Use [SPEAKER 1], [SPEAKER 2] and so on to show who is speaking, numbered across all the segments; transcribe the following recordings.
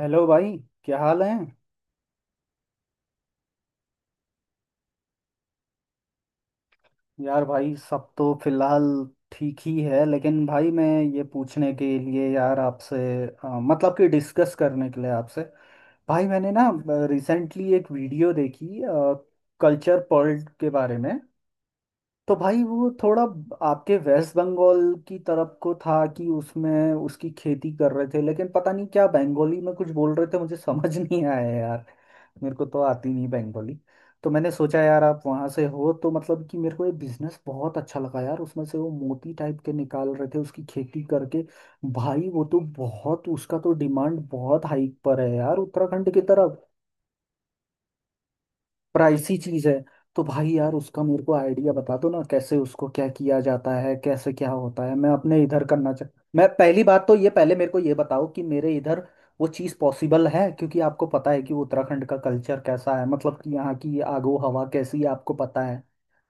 [SPEAKER 1] Hello भाई। क्या हाल है। यार भाई सब तो फिलहाल ठीक ही है, लेकिन भाई मैं ये पूछने के लिए यार आपसे, मतलब कि डिस्कस करने के लिए आपसे, भाई मैंने ना रिसेंटली एक वीडियो देखी कल्चर पर्ल के बारे में। तो भाई वो थोड़ा आपके वेस्ट बंगाल की तरफ को था कि उसमें उसकी खेती कर रहे थे, लेकिन पता नहीं क्या बंगाली में कुछ बोल रहे थे मुझे समझ नहीं आया यार। मेरे को तो आती नहीं बंगाली। तो मैंने सोचा यार आप वहाँ से हो, तो मतलब कि मेरे को ये बिजनेस बहुत अच्छा लगा यार। उसमें से वो मोती टाइप के निकाल रहे थे उसकी खेती करके। भाई वो तो बहुत उसका तो डिमांड बहुत हाइक पर है यार उत्तराखंड की तरफ। प्राइसी चीज है। तो भाई यार उसका मेरे को आइडिया बता दो ना, कैसे उसको क्या किया जाता है, कैसे क्या होता है, मैं अपने इधर करना चाह। मैं पहली बात तो ये पहले मेरे को ये बताओ कि मेरे इधर वो चीज़ पॉसिबल है, क्योंकि आपको पता है कि उत्तराखंड का कल्चर कैसा है, मतलब कि यहाँ की आगो हवा कैसी है, आपको पता है।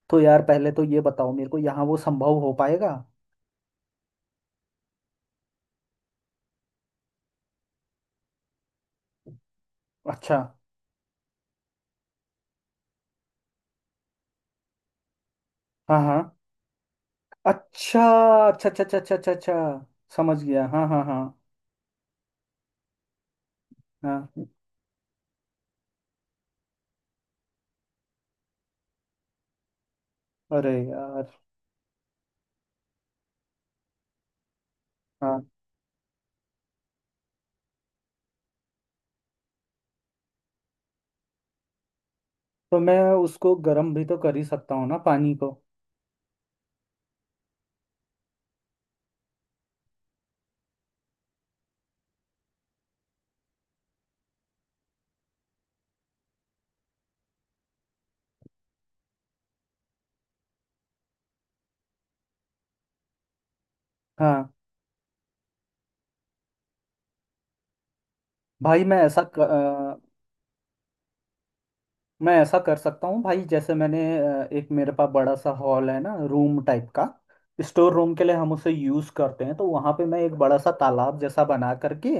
[SPEAKER 1] तो यार पहले तो ये बताओ मेरे को, यहाँ वो संभव हो पाएगा। अच्छा। हाँ हाँ। अच्छा अच्छा अच्छा अच्छा अच्छा अच्छा अच्छा, समझ गया। हाँ हाँ हाँ। हाँ। अरे यार। हाँ। तो मैं उसको गर्म भी तो कर ही सकता हूँ ना पानी को। हाँ भाई। मैं ऐसा कर सकता हूँ भाई, जैसे मैंने एक, मेरे पास बड़ा सा हॉल है ना रूम टाइप का, स्टोर रूम के लिए हम उसे यूज़ करते हैं, तो वहाँ पे मैं एक बड़ा सा तालाब जैसा बना करके,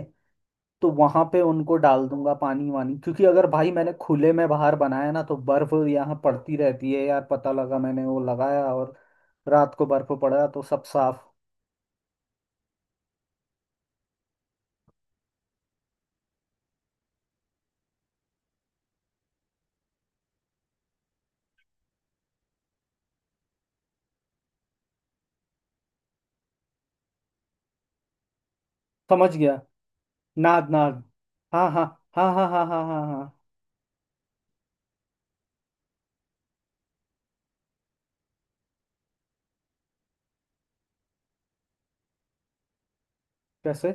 [SPEAKER 1] तो वहां पे उनको डाल दूंगा पानी वानी। क्योंकि अगर भाई मैंने खुले में बाहर बनाया ना, तो बर्फ यहाँ पड़ती रहती है यार। पता लगा मैंने वो लगाया और रात को बर्फ पड़ा तो सब साफ। समझ गया। नाद नाद। हाँ हाँ हाँ हाँ हाँ हाँ हाँ हाँ। कैसे।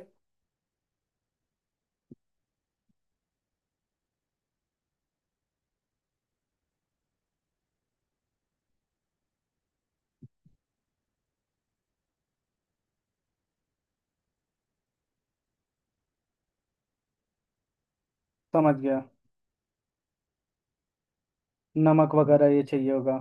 [SPEAKER 1] समझ गया। नमक वगैरह ये चाहिए होगा।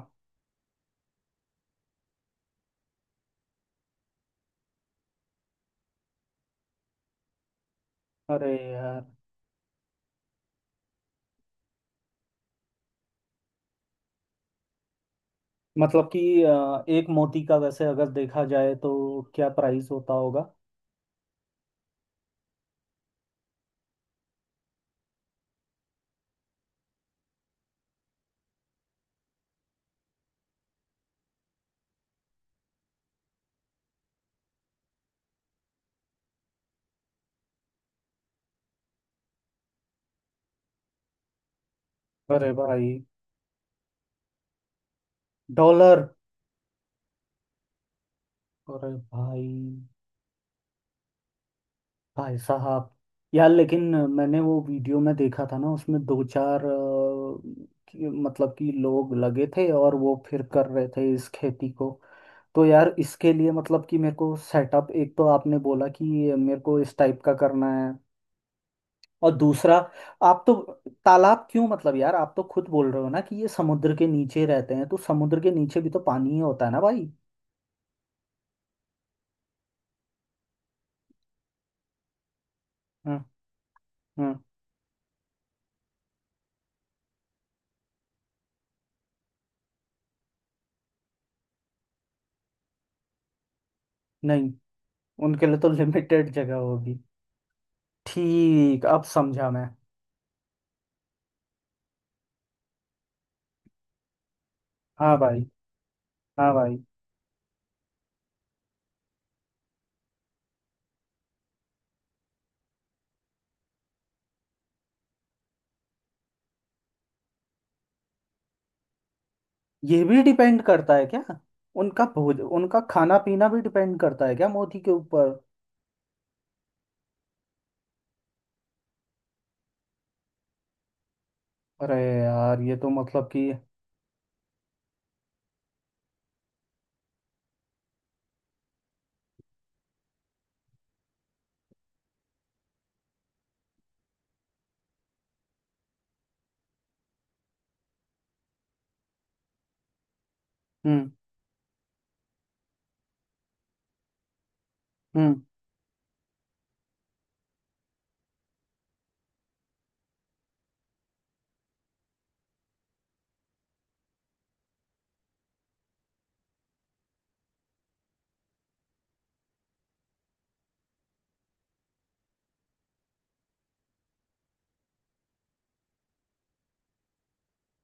[SPEAKER 1] अरे यार। मतलब कि एक मोती का वैसे अगर देखा जाए तो क्या प्राइस होता होगा। अरे भाई। डॉलर। अरे भाई। भाई साहब। यार लेकिन मैंने वो वीडियो में देखा था ना, उसमें दो चार मतलब कि लोग लगे थे और वो फिर कर रहे थे इस खेती को। तो यार इसके लिए मतलब कि मेरे को सेटअप, एक तो आपने बोला कि मेरे को इस टाइप का करना है, और दूसरा आप तो तालाब क्यों, मतलब यार आप तो खुद बोल रहे हो ना कि ये समुद्र के नीचे रहते हैं, तो समुद्र के नीचे भी तो पानी ही होता है ना भाई। हम्म। हम्म। नहीं, उनके लिए तो लिमिटेड जगह होगी। ठीक, अब समझा मैं। हाँ भाई। हाँ भाई। ये भी डिपेंड करता है क्या, उनका भोज उनका खाना पीना भी डिपेंड करता है क्या मोदी के ऊपर। अरे यार, ये तो मतलब कि। हम्म। हम्म।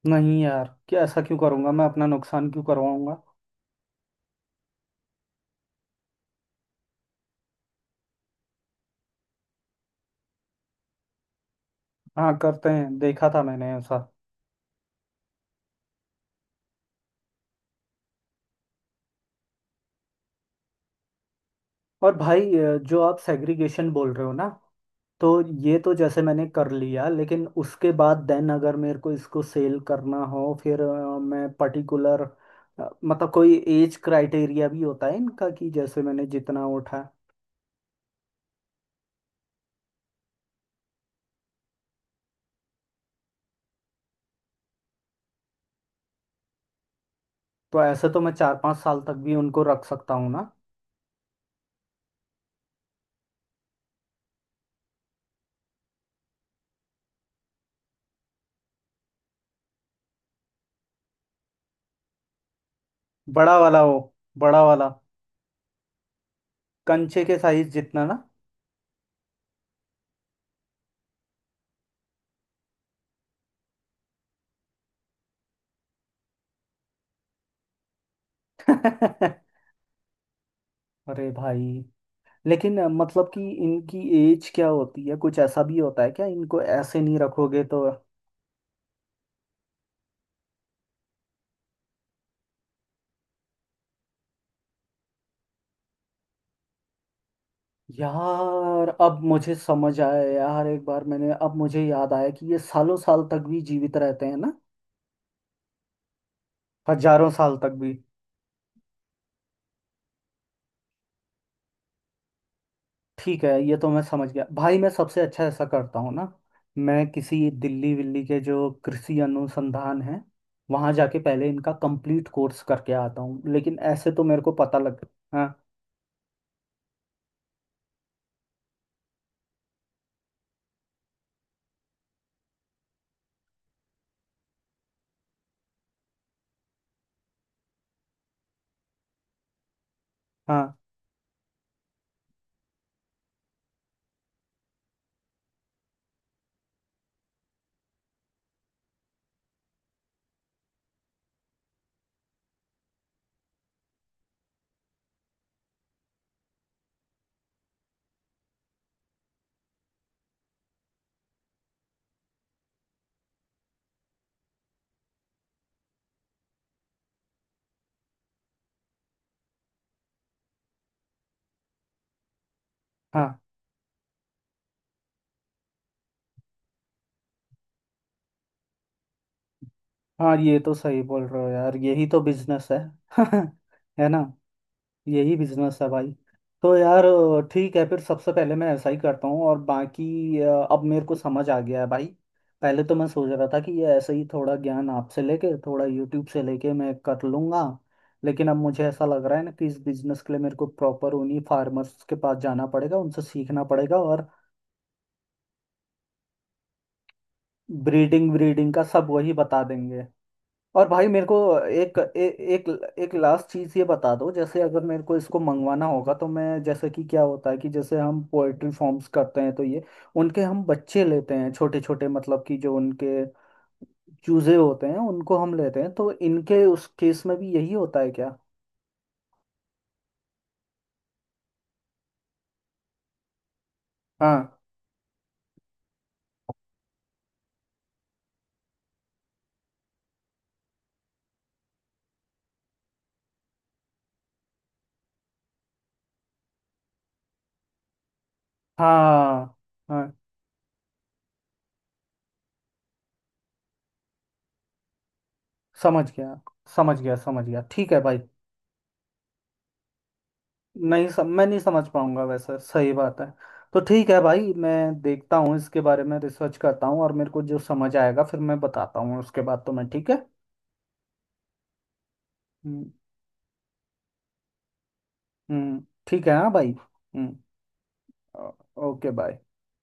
[SPEAKER 1] नहीं यार, क्या ऐसा क्यों करूंगा मैं, अपना नुकसान क्यों करवाऊंगा। हाँ करते हैं, देखा था मैंने ऐसा। और भाई, जो आप सेग्रीगेशन बोल रहे हो ना, तो ये तो जैसे मैंने कर लिया, लेकिन उसके बाद देन अगर मेरे को इसको सेल करना हो, फिर मैं पर्टिकुलर, मतलब कोई एज क्राइटेरिया भी होता है इनका, कि जैसे मैंने जितना उठा। तो ऐसे तो मैं 4-5 साल तक भी उनको रख सकता हूँ ना। बड़ा वाला हो। बड़ा वाला, कंचे के साइज जितना ना। अरे भाई। लेकिन मतलब कि इनकी एज क्या होती है, कुछ ऐसा भी होता है क्या, इनको ऐसे नहीं रखोगे तो। यार अब मुझे समझ आया यार, एक बार मैंने, अब मुझे याद आया कि ये सालों साल तक भी जीवित रहते हैं ना, हजारों साल तक भी। ठीक है, ये तो मैं समझ गया भाई। मैं सबसे अच्छा ऐसा करता हूँ ना, मैं किसी दिल्ली विल्ली के जो कृषि अनुसंधान है वहां जाके पहले इनका कंप्लीट कोर्स करके आता हूँ, लेकिन ऐसे तो मेरे को पता लग। हाँ हाँ हाँ हाँ। ये तो सही बोल रहे हो यार, यही तो बिजनेस है। है ना। यही बिजनेस है भाई। तो यार ठीक है, फिर सबसे पहले मैं ऐसा ही करता हूँ, और बाकी अब मेरे को समझ आ गया है भाई। पहले तो मैं सोच रहा था कि ये ऐसे ही थोड़ा ज्ञान आपसे लेके थोड़ा यूट्यूब से लेके मैं कर लूँगा, लेकिन अब मुझे ऐसा लग रहा है ना कि इस बिजनेस के लिए मेरे को प्रॉपर उन्हीं फार्मर्स के पास जाना पड़ेगा, उनसे सीखना पड़ेगा और ब्रीडिंग ब्रीडिंग का सब वही बता देंगे। और भाई मेरे को एक ए, एक एक लास्ट चीज़ ये बता दो, जैसे अगर मेरे को इसको मंगवाना होगा, तो मैं, जैसे कि क्या होता है कि जैसे हम पोएट्री फॉर्म्स करते हैं, तो ये उनके हम बच्चे लेते हैं छोटे छोटे, मतलब कि जो उनके चूजे होते हैं उनको हम लेते हैं, तो इनके उस केस में भी यही होता है क्या। हाँ हाँ हाँ। समझ गया समझ गया समझ गया। ठीक है भाई। मैं नहीं समझ पाऊंगा वैसे, सही बात है। तो ठीक है भाई, मैं देखता हूँ इसके बारे में, रिसर्च करता हूँ, और मेरे को जो समझ आएगा फिर मैं बताता हूँ उसके बाद तो। मैं ठीक है। हम्म। ठीक है हाँ भाई। हम्म। ओ- ओके बाय।